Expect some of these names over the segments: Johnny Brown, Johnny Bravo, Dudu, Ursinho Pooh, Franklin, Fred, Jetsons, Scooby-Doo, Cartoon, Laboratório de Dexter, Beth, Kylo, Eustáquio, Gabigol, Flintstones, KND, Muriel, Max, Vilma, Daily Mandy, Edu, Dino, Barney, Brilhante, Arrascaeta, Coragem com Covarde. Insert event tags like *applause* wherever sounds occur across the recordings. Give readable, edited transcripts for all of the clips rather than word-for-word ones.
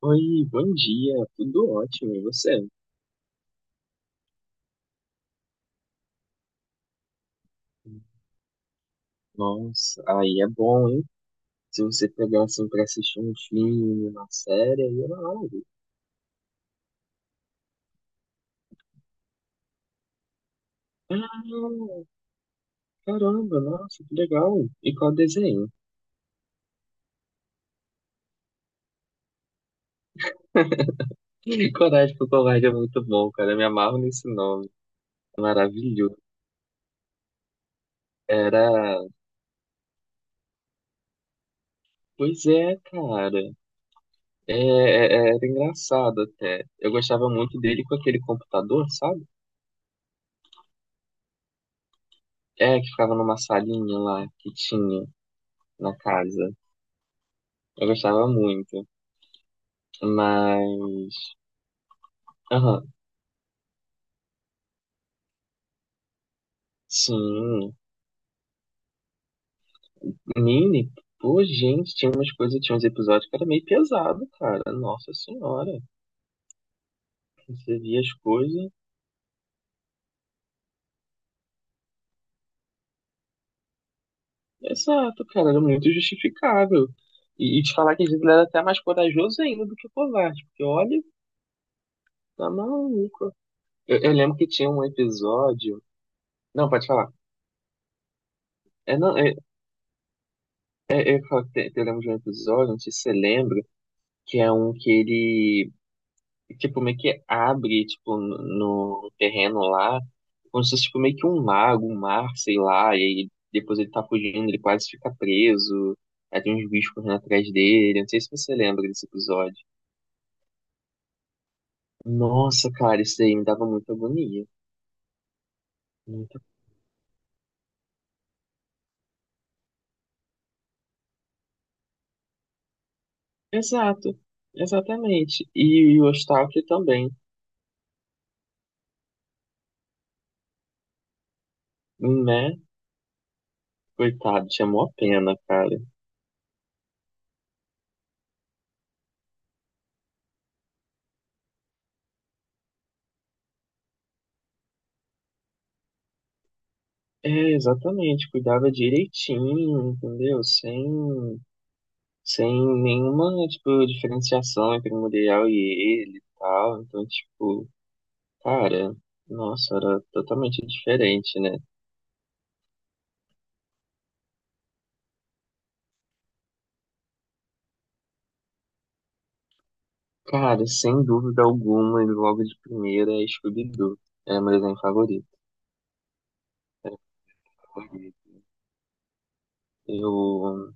Oi, bom dia, tudo ótimo, e você? Nossa, aí é bom, hein? Se você pegar assim pra assistir um filme, uma série, aí é live. Ah, caramba, nossa, que legal. E qual desenho? *laughs* Coragem com Covarde é muito bom, cara, eu me amarro nesse nome, é maravilhoso. Era, pois é, cara, era engraçado até. Eu gostava muito dele com aquele computador, sabe? É, que ficava numa salinha lá que tinha na casa. Eu gostava muito. Mas. Aham. Sim. Mini, pô, gente, tinha umas coisas, tinha uns episódios que era meio pesado, cara. Nossa senhora. Você via as coisas. Exato, cara, era muito justificável. E te falar que às vezes ele era até mais corajoso ainda do que covarde. Porque olha, tá maluco. Eu lembro que tinha um episódio. Não, pode falar. Não, eu lembro de um episódio, não sei se você lembra, que é um que ele tipo, meio que abre, tipo, no terreno lá, como se fosse, tipo, meio que um lago, um mar, sei lá, e aí depois ele tá fugindo, ele quase fica preso, aí tem uns bichos correndo atrás dele, não sei se você lembra desse episódio. Nossa, cara, isso aí me dava muita agonia. Muita. Exato, exatamente. E o Eustáquio também, né? Coitado, tinha mó pena, cara. É, exatamente, cuidava direitinho, entendeu? Sem nenhuma, tipo, diferenciação entre Muriel e ele e tal. Então, tipo, cara, nossa, era totalmente diferente, né? Cara, sem dúvida alguma, e logo de primeira é Scooby-Doo. É meu desenho favorito. Eu,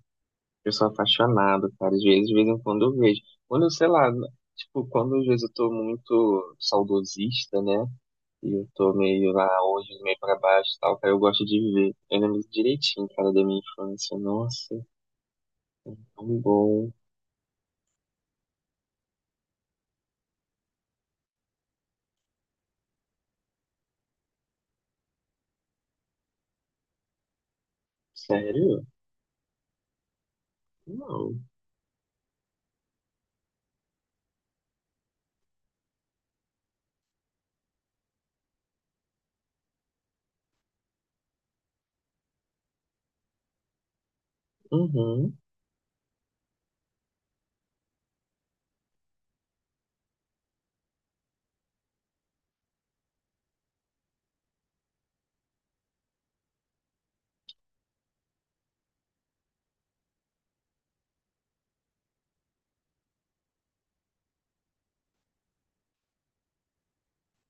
eu sou apaixonado, cara. Às vezes, de vez em quando eu vejo. Quando eu, sei lá, tipo, quando às vezes eu tô muito saudosista, né? E eu tô meio lá hoje, meio pra baixo e tal, cara, eu gosto de ver. Eu lembro direitinho, cara, da minha infância. Nossa. Um gol. Sério? Não. Uhum.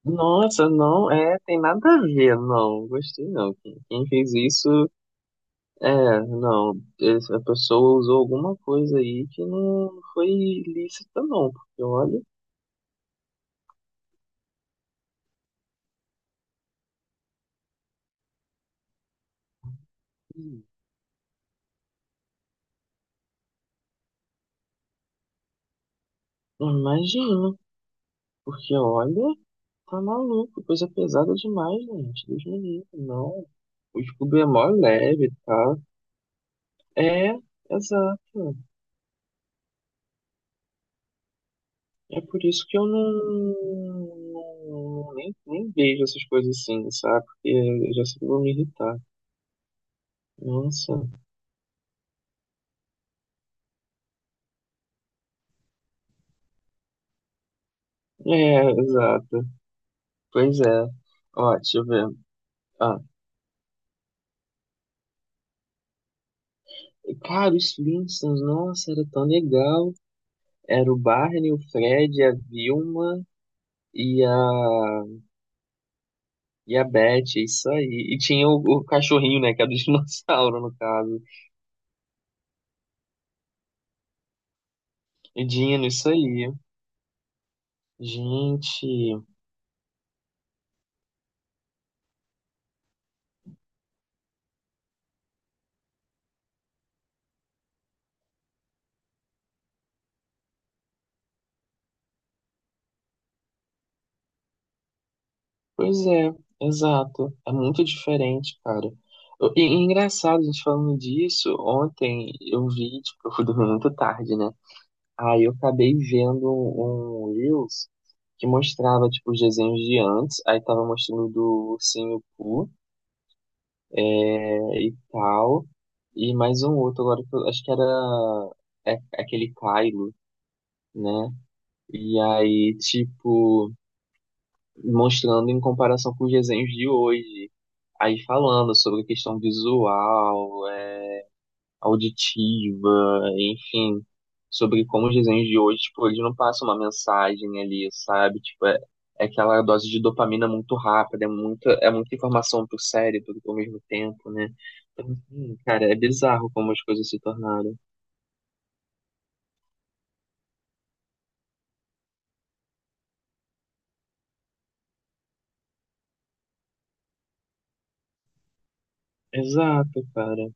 Nossa, não, é, tem nada a ver, não, gostei não. Quem fez isso, é, não, a pessoa usou alguma coisa aí que não foi lícita, não, porque olha, imagina, porque olha, tá maluco, coisa pesada demais, gente, Deus me livre, não. O Scooby é mó leve, tá? É, exato. É por isso que eu não- não, nem vejo essas coisas assim, sabe? Porque eu já sei que eu vou me irritar. Nossa. É, exato. Pois é. Ó, deixa eu ver. Ah, cara, os Flintstones, nossa, era tão legal. Era o Barney, o Fred, a Vilma e a, e a Beth, é isso aí. E tinha o cachorrinho, né? Que era o *laughs* dinossauro, no caso. E Dino, isso aí. Gente. Pois é, exato. É muito diferente, cara. E engraçado, a gente falando disso, ontem eu vi, tipo, *laughs* eu fui dormir muito tarde, né? Aí eu acabei vendo um Reels que mostrava, tipo, os desenhos de antes, aí tava mostrando do Ursinho Pooh e tal, e mais um outro agora, que eu acho que era aquele Kylo, né? E aí, tipo, mostrando em comparação com os desenhos de hoje. Aí falando sobre questão visual, auditiva, enfim, sobre como os desenhos de hoje, tipo, eles não passam uma mensagem ali, sabe? Tipo, é aquela dose de dopamina muito rápida, é muita informação pro cérebro ao mesmo tempo, né? Então, assim, cara, é bizarro como as coisas se tornaram. Exato, cara.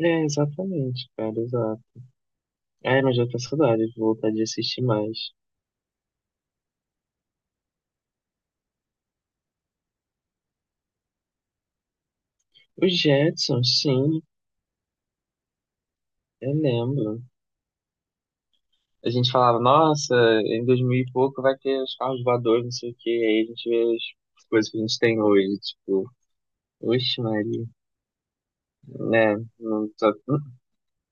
É, exatamente, cara, exato. É, mas já tô com saudade, vou voltar de assistir mais. Os Jetsons, sim, eu lembro. A gente falava, nossa, em 2000 e pouco vai ter os carros voadores, não sei o quê. Aí a gente vê as coisas que a gente tem hoje, tipo, oxe, Maria, né? Não tô,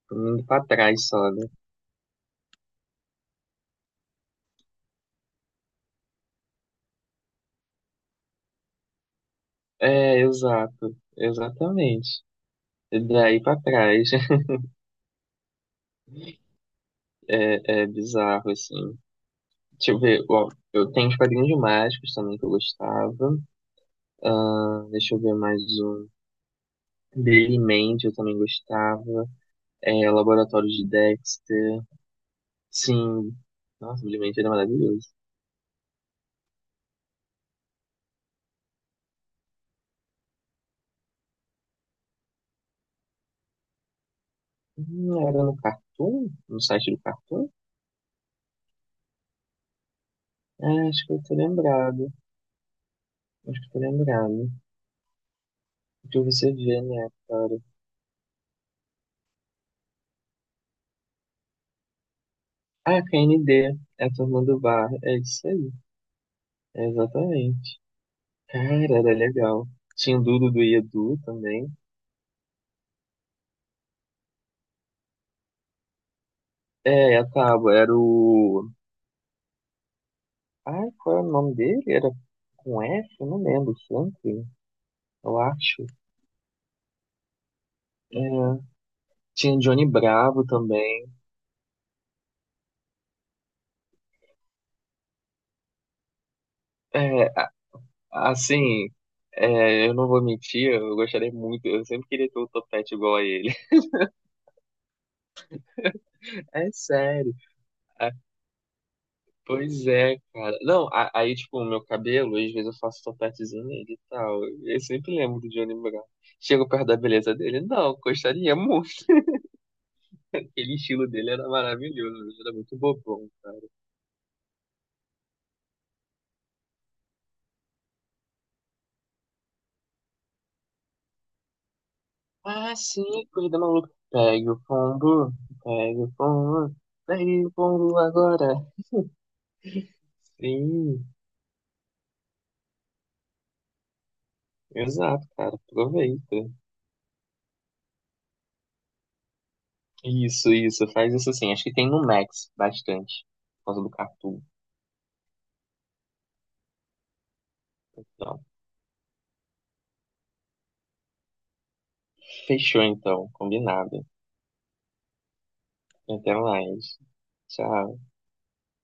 tô indo pra trás só, né? É, exato, exatamente. E daí pra trás *laughs* é, bizarro, assim. Deixa eu ver, ó, eu tenho os quadrinhos mágicos também que eu gostava. Ah, deixa eu ver mais um. Daily Mandy eu também gostava. É, Laboratório de Dexter. Sim. Nossa, Brilhante era maravilhoso. Era no Cartoon? No site do Cartoon? É, acho que eu tô lembrado. Acho que eu tô lembrado. O que você vê, né, cara? Ah, KND. É a turma do bar. É isso aí. É exatamente. Cara, era legal. Tinha o Dudu do Edu também. É, a Tábua era o. Ai, qual era o nome dele? Era com F? Eu não lembro. Franklin, eu acho. É. Tinha Johnny Bravo também. É, Assim, eu não vou mentir, eu gostaria muito, eu sempre queria ter um topete igual a ele. *laughs* É sério. É, pois é, cara. Não, aí, tipo, o meu cabelo, às vezes eu faço topetezinho nele e tal. Eu sempre lembro do Johnny Brown. Chego perto da beleza dele, não, gostaria muito. *laughs* Aquele estilo dele era maravilhoso, ele era muito bobão. Ah, sim, corrida maluca. Pega o pombo, pega o pombo, pega o pombo agora. Sim, exato, cara, aproveita. Isso, faz isso assim. Acho que tem no Max bastante, por causa do Cartoon. Não. Fechou então, combinado. Até mais. Tchau.